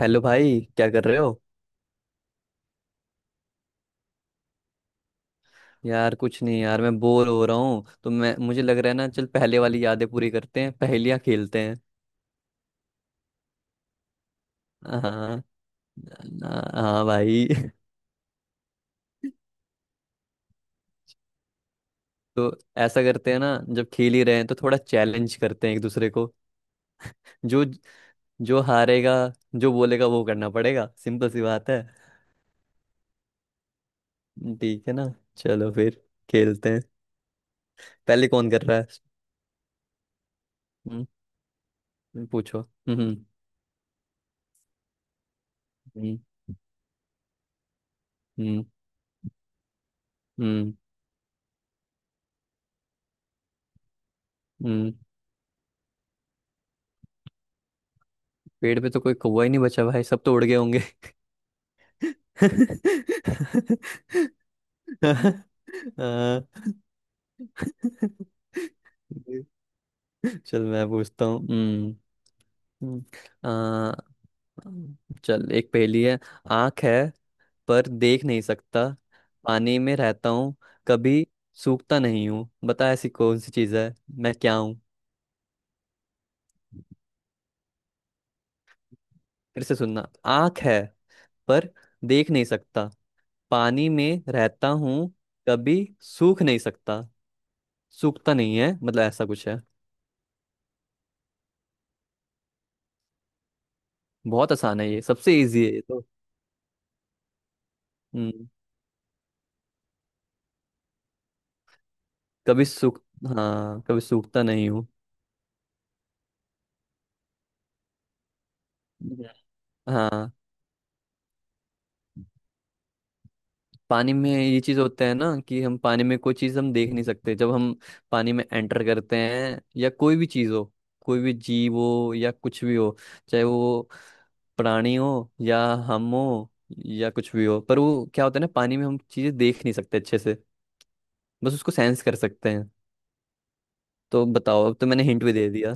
Hello भाई, क्या कर रहे हो? यार कुछ नहीं, यार मैं बोर हो रहा हूँ, तो मैं मुझे लग रहा है ना, चल पहले वाली यादें पूरी करते हैं, पहेलियाँ खेलते हैं। हाँ। हाँ भाई। तो ऐसा करते हैं ना, जब खेल ही रहे हैं तो थोड़ा चैलेंज करते हैं एक दूसरे को। जो जो हारेगा, जो बोलेगा वो करना पड़ेगा, सिंपल सी बात है। ठीक है ना? चलो फिर खेलते हैं। पहले कौन कर रहा है? हम्म, पूछो। हम्म। हम्म। हम्म। हम्म। हम्म। पेड़ पे तो कोई कौवा ही नहीं बचा भाई, सब तो उड़ गए होंगे। अ, चल मैं पूछता हूँ। हम्म, अ, चल, एक पहेली है। आंख है पर देख नहीं सकता, पानी में रहता हूँ, कभी सूखता नहीं हूँ। बता ऐसी कौन सी चीज है, मैं क्या हूँ? फिर से सुनना। आंख है पर देख नहीं सकता, पानी में रहता हूँ, कभी सूख नहीं सकता। सूखता नहीं है, मतलब ऐसा कुछ है। बहुत आसान है ये, सबसे इजी है ये तो। हम्म। कभी सूख, हाँ कभी सूखता नहीं हूँ। हम्म। हाँ, पानी में ये चीज होता है ना, कि हम पानी में कोई चीज हम देख नहीं सकते, जब हम पानी में एंटर करते हैं, या कोई भी चीज हो, कोई भी जीव हो या कुछ भी हो, चाहे वो प्राणी हो या हम हो या कुछ भी हो, पर वो क्या होता है ना, पानी में हम चीजें देख नहीं सकते अच्छे से, बस उसको सेंस कर सकते हैं। तो बताओ, अब तो मैंने हिंट भी दे दिया।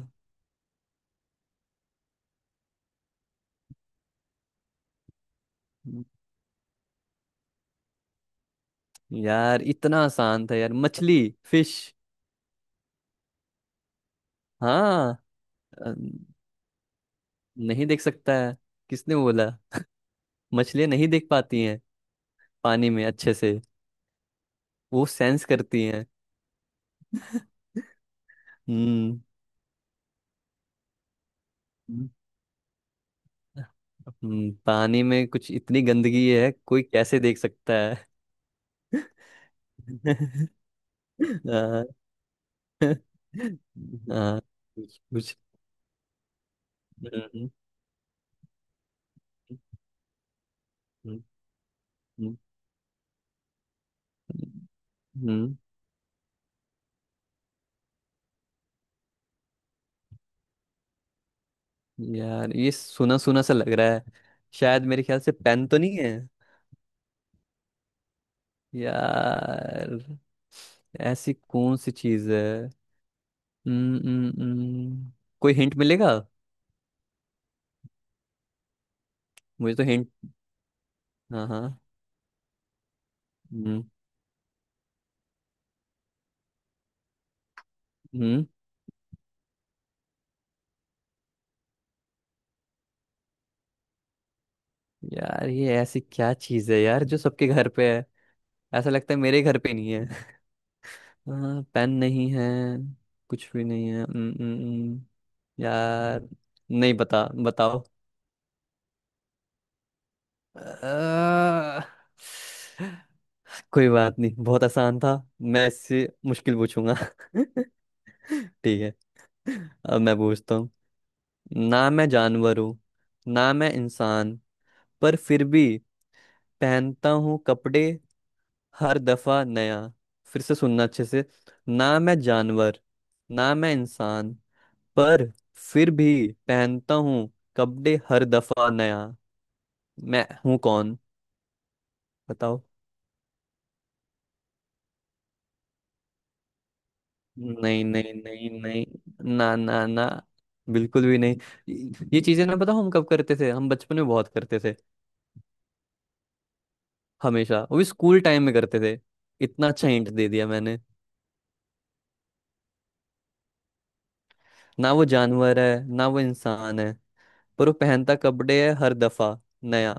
यार इतना आसान था यार, मछली, फिश। हाँ। अ, नहीं देख सकता है, किसने बोला? मछलियां नहीं देख पाती हैं पानी में अच्छे से, वो सेंस करती हैं। हम्म। हम्म। पानी में कुछ इतनी गंदगी है, कोई कैसे देख सकता है? हाँ। हाँ। कुछ कुछ। हम्म। हम्म। हम्म। हम्म। हम्म, यार ये सुना सुना सा लग रहा है, शायद मेरे ख्याल से पेन तो नहीं है। यार ऐसी कौन सी चीज है? हम्म। हम्म। हम्म। कोई हिंट मिलेगा? मुझे तो हिंट। हाँ हाँ। हम्म। हम्म। यार ये ऐसी क्या चीज है यार, जो सबके घर पे है? ऐसा लगता है मेरे घर पे नहीं है। हाँ पेन नहीं है, कुछ भी नहीं है। हम्म। हम्म। हम्म। यार, नहीं बता, बताओ। अ, कोई बात नहीं, बहुत आसान था, मैं इससे मुश्किल पूछूंगा। ठीक है। अब मैं पूछता हूँ। ना मैं जानवर हूँ, ना मैं इंसान, पर फिर भी पहनता हूँ कपड़े हर दफा नया। फिर से सुनना अच्छे से। ना मैं जानवर, ना मैं इंसान, पर फिर भी पहनता हूँ कपड़े हर दफा नया। मैं हूँ कौन? बताओ। नहीं नहीं नहीं नहीं, ना ना ना, बिल्कुल भी नहीं। ये चीजें ना, बताओ हम कब करते थे, हम बचपन में बहुत करते थे, हमेशा वो भी स्कूल टाइम में करते थे। इतना अच्छा हिंट दे दिया मैंने। ना वो जानवर है, ना वो इंसान है, पर वो पहनता कपड़े है हर दफा नया।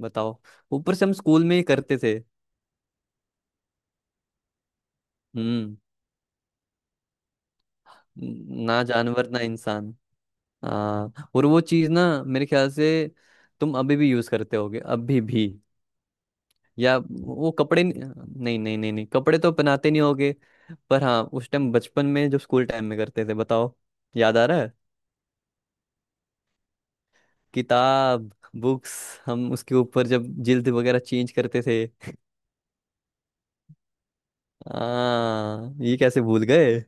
बताओ। ऊपर से हम स्कूल में ही करते थे। हम्म। ना जानवर ना इंसान। हाँ, और वो चीज ना मेरे ख्याल से तुम अभी भी यूज करते होगे, अभी भी। या वो कपड़े नहीं? नहीं नहीं नहीं, नहीं कपड़े तो पहनाते नहीं होगे, पर हाँ उस टाइम बचपन में जब स्कूल टाइम में करते थे। बताओ, याद आ रहा है? किताब, बुक्स। हम उसके ऊपर जब जिल्द वगैरह चेंज करते थे। हाँ, ये कैसे भूल गए।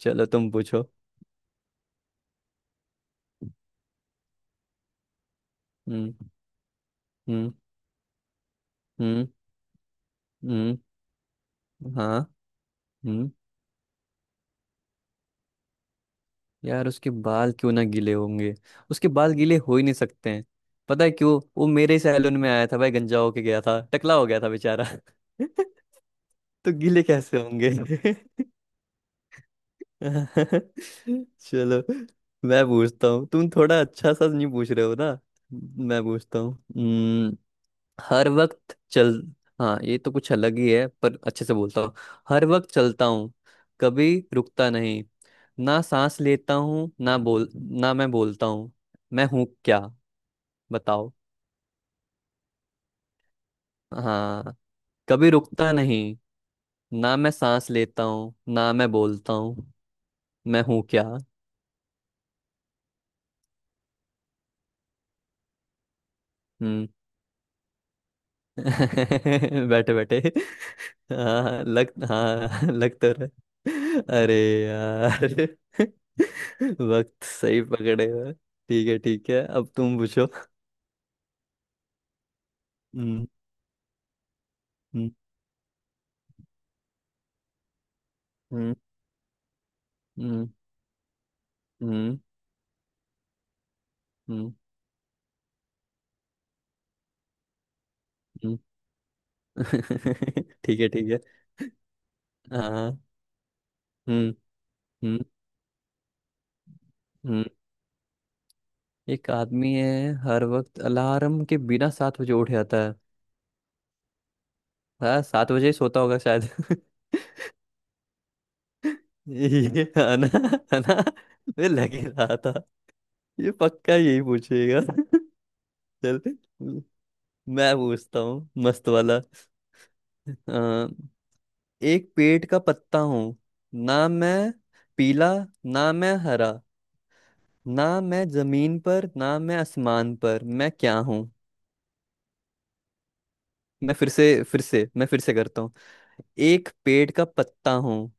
चलो तुम पूछो। हम्म। हम्म। हम्म। हम्म। हाँ। हम्म यार उसके बाल क्यों ना गीले होंगे, उसके बाल गीले हो ही नहीं सकते हैं। पता है क्यों, वो मेरे ही सैलून में आया था भाई, गंजा होके गया था, टकला हो गया था बेचारा। तो गीले कैसे होंगे? चलो मैं पूछता हूँ, तुम थोड़ा अच्छा सा नहीं पूछ रहे हो ना। मैं पूछता हूँ। हर वक्त चल, हाँ ये तो कुछ अलग ही है, पर अच्छे से बोलता हूँ। हर वक्त चलता हूँ, कभी रुकता नहीं, ना सांस लेता हूँ, ना बोल, ना मैं बोलता हूँ। मैं हूँ क्या? बताओ। हाँ, कभी रुकता नहीं, ना मैं सांस लेता हूँ, ना मैं बोलता हूँ, मैं हूँ क्या? हम्म। बैठे बैठे। हाँ लग तो रहा, अरे यार। वक्त, सही पकड़े हो। ठीक है ठीक है, अब तुम पूछो। हम्म। हम्म। हम्म। हम्म। हम्म। हम्म। हम्म। ठीक है ठीक है। हाँ। हम्म। हम्म। हम्म। एक आदमी है, हर वक्त अलार्म के बिना सात बजे उठ जाता है। हाँ, सात बजे ही सोता होगा शायद। ये है ना, है ना, मुझे लग ही रहा था ये पक्का यही पूछेगा। चल मैं पूछता हूँ, मस्त वाला। अ, एक पेड़ का पत्ता हूँ, ना मैं पीला ना मैं हरा, ना मैं जमीन पर ना मैं आसमान पर, मैं क्या हूँ? मैं फिर से करता हूँ। एक पेड़ का पत्ता हूँ,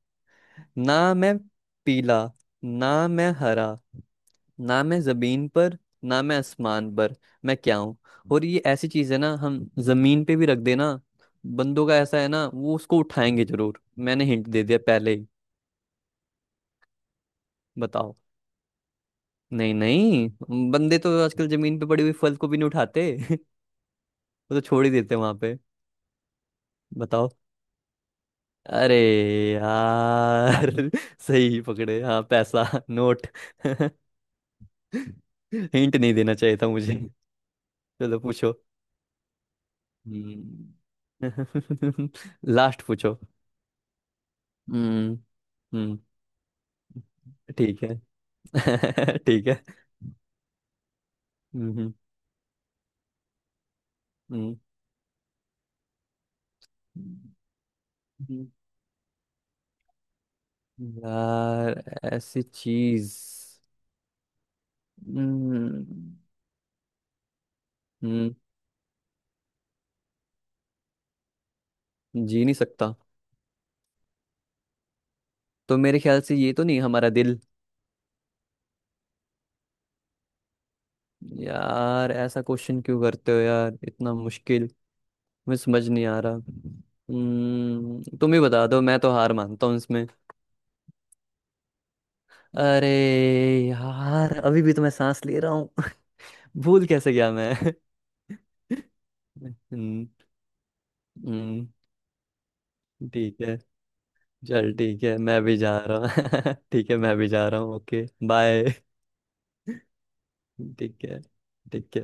ना मैं पीला ना मैं हरा, ना मैं जमीन पर ना मैं आसमान पर, मैं क्या हूँ? और ये ऐसी चीज है ना, हम जमीन पे भी रख देना, बंदों का ऐसा है ना, वो उसको उठाएंगे जरूर। मैंने हिंट दे दिया पहले ही। बताओ। नहीं नहीं, बंदे तो आजकल जमीन पे पड़ी हुई फल को भी नहीं उठाते। वो तो छोड़ ही देते वहां पे। बताओ। अरे यार। सही पकड़े, हाँ पैसा, नोट। हिंट नहीं देना चाहिए था मुझे। चलो पूछो। हम्म। लास्ट पूछो। हम्म। हम्म। ठीक है। ठीक है। हम्म। हम्म। हम्म। यार ऐसी चीज। हम्म हम्म, जी नहीं सकता, तो मेरे ख्याल से ये तो नहीं, हमारा दिल? यार ऐसा क्वेश्चन क्यों करते हो यार, इतना मुश्किल, मुझे समझ नहीं आ रहा। तुम ही बता दो, मैं तो हार मानता हूँ इसमें। अरे यार, अभी भी तो मैं सांस ले रहा हूँ। भूल कैसे गया मैं। हम्म। हम्म। ठीक है। चल ठीक है, मैं भी जा रहा हूँ। ठीक है मैं भी जा रहा हूँ, ओके बाय। ठीक है ठीक है।